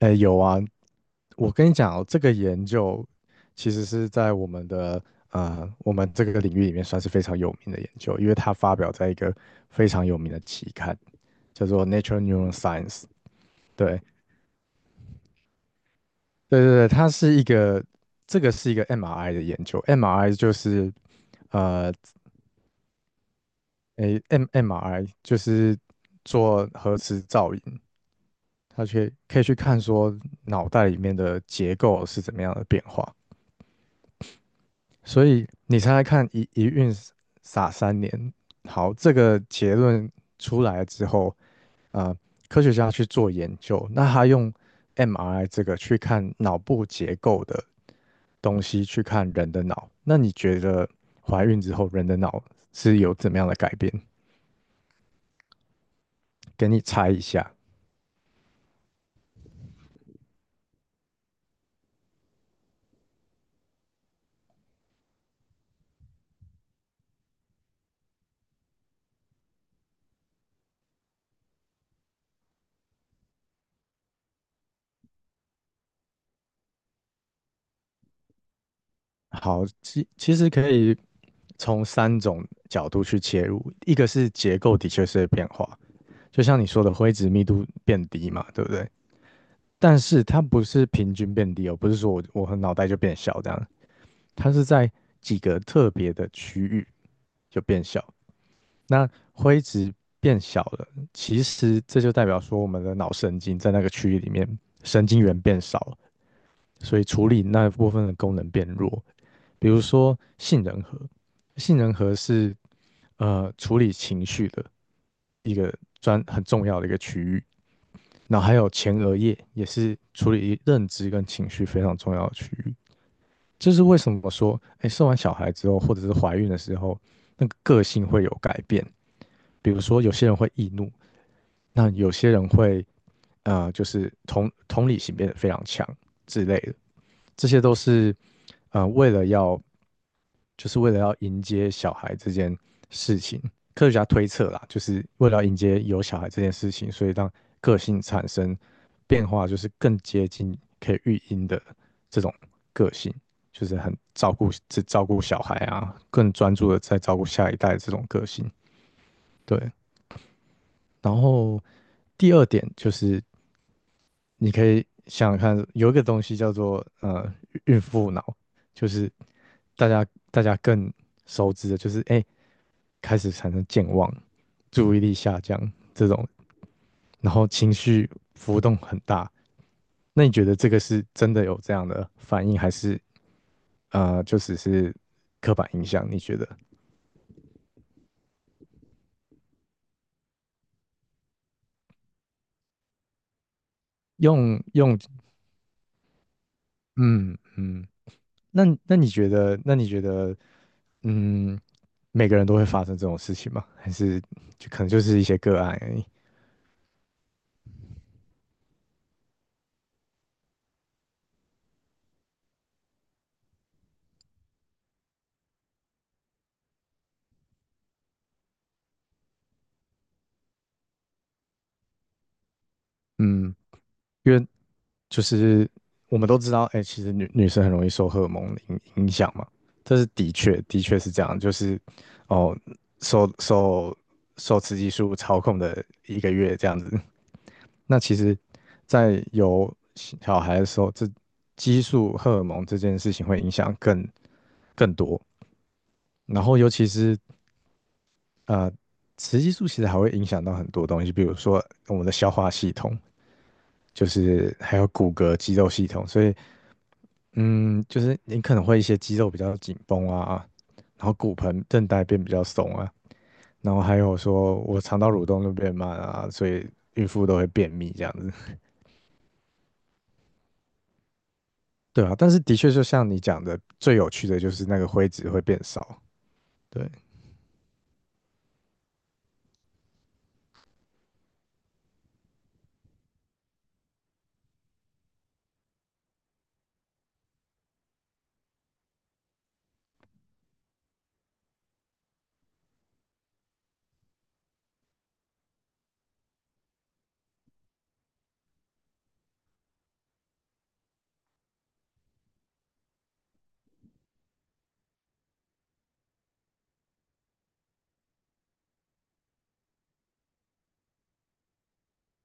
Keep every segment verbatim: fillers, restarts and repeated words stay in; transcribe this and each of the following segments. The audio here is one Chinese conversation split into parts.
哎，有啊，我跟你讲哦，这个研究其实是在我们的呃，我们这个领域里面算是非常有名的研究，因为它发表在一个非常有名的期刊，叫做《Nature Neuroscience》。对，对对对，它是一个，这个是一个 M R I 的研究，M R I 就是呃，诶，M M R I 就是做核磁造影，它去可以去看说脑袋里面的结构是怎么样的变化。所以你猜猜看一，一孕傻三年，好，这个结论出来之后，啊，科学家去做研究，那他用 M R I 这个去看脑部结构的东西，去看人的脑。那你觉得怀孕之后人的脑是有怎么样的改变？给你猜一下。好，其其实可以从三种角度去切入，一个是结构的确是会变化，就像你说的灰质密度变低嘛，对不对？但是它不是平均变低哦，不是说我我脑袋就变小这样，它是在几个特别的区域就变小。那灰质变小了，其实这就代表说我们的脑神经在那个区域里面神经元变少了，所以处理那部分的功能变弱。比如说杏仁核，杏仁核是呃处理情绪的一个专很重要的一个区域，然后还有前额叶也是处理认知跟情绪非常重要的区域。这是为什么说，哎，生完小孩之后，或者是怀孕的时候，那个个性会有改变。比如说，有些人会易怒，那有些人会，呃，就是同同理心变得非常强之类的。这些都是，呃，为了要，就是为了要迎接小孩这件事情，科学家推测啦，就是为了要迎接有小孩这件事情，所以让个性产生变化，就是更接近可以育婴的这种个性，就是很照顾只照顾小孩啊，更专注的在照顾下一代这种个性。对，然后第二点就是你可以想想看，有一个东西叫做呃孕妇脑，就是大家大家更熟知的，就是哎、诶开始产生健忘、注意力下降这种，然后情绪浮动很大。那你觉得这个是真的有这样的反应，还是呃就只是刻板印象？你觉得用用嗯嗯，那那你觉得那你觉得嗯每个人都会发生这种事情吗？还是就可能就是一些个案而已？嗯，因为就是我们都知道，哎、其实女女生很容易受荷尔蒙的影影响嘛，这是的确的确是这样，就是哦，受受受雌激素操控的一个月这样子。那其实，在有小孩的时候，这激素荷尔蒙这件事情会影响更更多。然后，尤其是呃，雌激素其实还会影响到很多东西，比如说我们的消化系统，就是还有骨骼、肌肉系统，所以嗯，就是你可能会一些肌肉比较紧绷啊，然后骨盆韧带变比较松啊，然后还有说我肠道蠕动就变慢啊，所以孕妇都会便秘这样子，对啊，但是的确就像你讲的，最有趣的就是那个灰质会变少，对。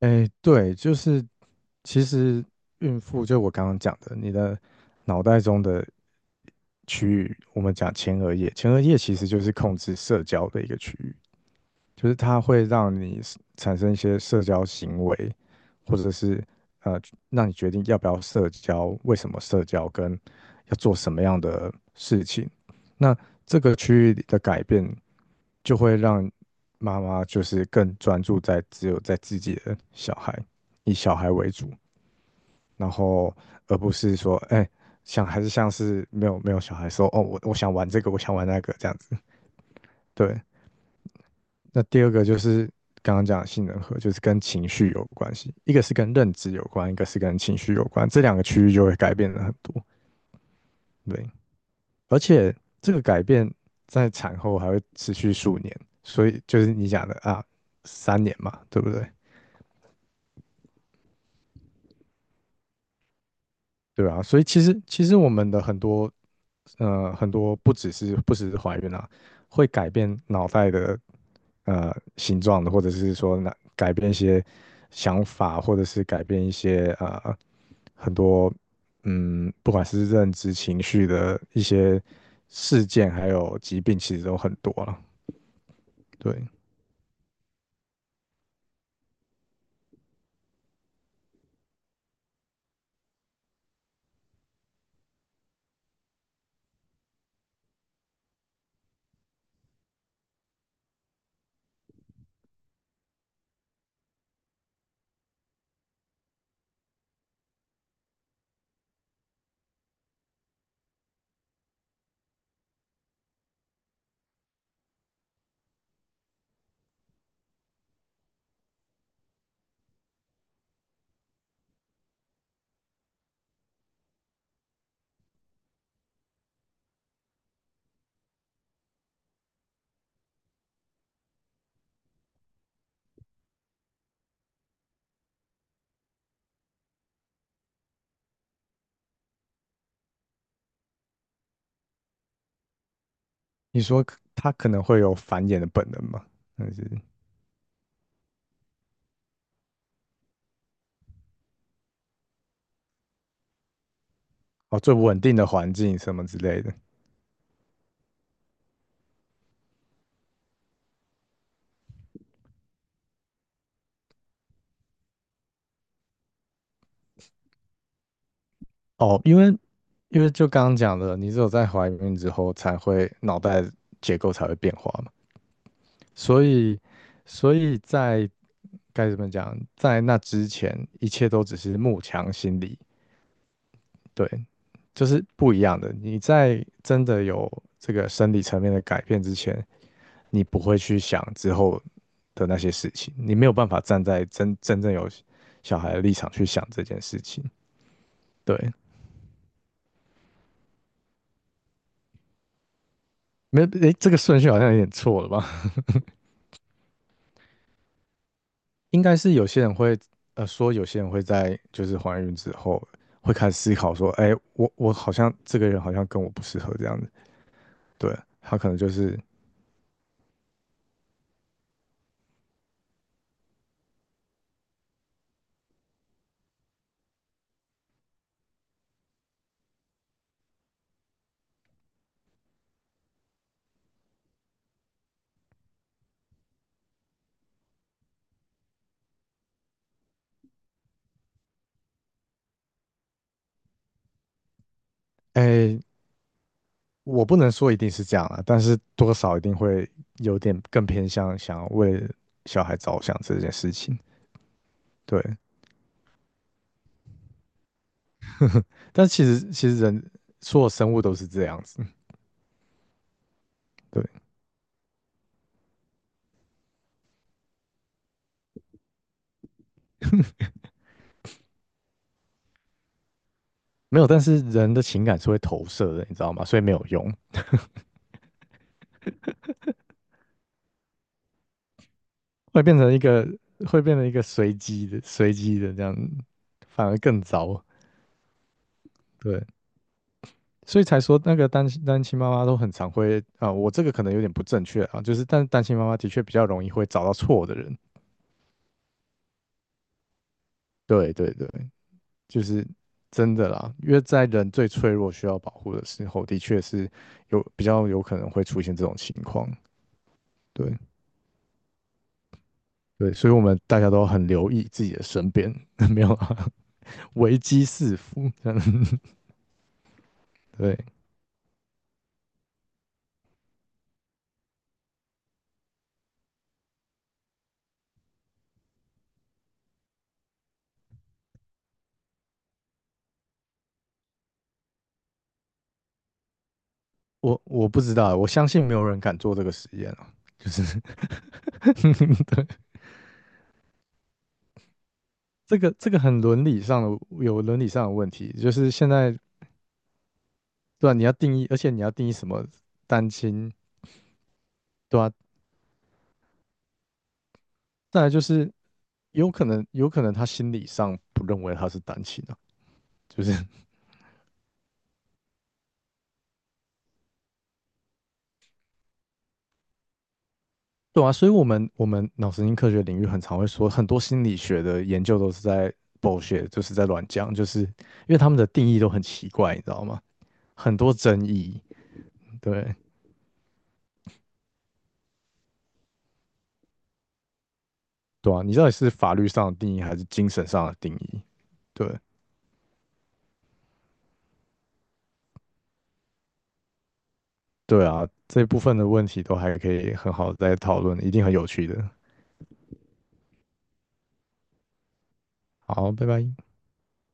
哎，对，就是其实孕妇，就我刚刚讲的，你的脑袋中的区域，我们讲前额叶，前额叶其实就是控制社交的一个区域。就是它会让你 s- 产生一些社交行为，或者是呃，让你决定要不要社交，为什么社交，跟要做什么样的事情。那这个区域里的改变，就会让妈妈就是更专注在只有在自己的小孩，以小孩为主，然后而不是说，哎、像还是像是没有没有小孩说，哦，我我想玩这个，我想玩那个这样子。对，那第二个就是刚刚讲的杏仁核，就是跟情绪有关系，一个是跟认知有关，一个是跟情绪有关，这两个区域就会改变的很多。对，而且这个改变在产后还会持续数年，所以就是你讲的啊，三年嘛，对不对？对啊，所以其实其实我们的很多呃很多不只是不只是怀孕啊，会改变脑袋的呃形状的，或者是说那改变一些想法，或者是改变一些呃很多嗯不管是认知、情绪的一些事件，还有疾病，其实都很多了。对，你说可它可能会有繁衍的本能嘛？但是哦，最不稳定的环境什么之类的。哦，因为因为就刚刚讲的，你只有在怀孕之后才会脑袋结构才会变化嘛，所以所以在该怎么讲，在那之前一切都只是慕强心理，对，就是不一样的。你在真的有这个生理层面的改变之前，你不会去想之后的那些事情，你没有办法站在真真正有小孩的立场去想这件事情，对。没，诶，这个顺序好像有点错了吧？应该是有些人会，呃，说有些人会在就是怀孕之后会开始思考说，哎，我我好像这个人好像跟我不适合这样子，对，他可能就是，哎，我不能说一定是这样啊，但是多少一定会有点更偏向想要为小孩着想这件事情，对，但其实其实人所有生物都是这样子，嗯对，没有，但是人的情感是会投射的，你知道吗？所以没有用，会变成一个会变成一个随机的随机的这样，反而更糟。对，所以才说那个单亲单亲妈妈都很常会啊，我这个可能有点不正确啊，就是但是单亲妈妈的确比较容易会找到错的人。对对对，就是真的啦，因为在人最脆弱需要保护的时候，的确是有比较有可能会出现这种情况。对对，所以我们大家都很留意自己的身边，没有啊，危机四伏。这样 对。我我不知道，我相信没有人敢做这个实验啊。就是 对，这个这个很伦理上的有伦理上的问题，就是现在对吧、你要定义，而且你要定义什么单亲，对吧、再来就是有可能有可能他心理上不认为他是单亲啊，就是对啊。所以我们我们脑神经科学领域很常会说，很多心理学的研究都是在 bullshit，就是在乱讲，就是因为他们的定义都很奇怪，你知道吗？很多争议，对。对啊，你到底是法律上的定义还是精神上的定义？对对啊，这部分的问题都还可以很好地再讨论，一定很有趣的。好，拜拜。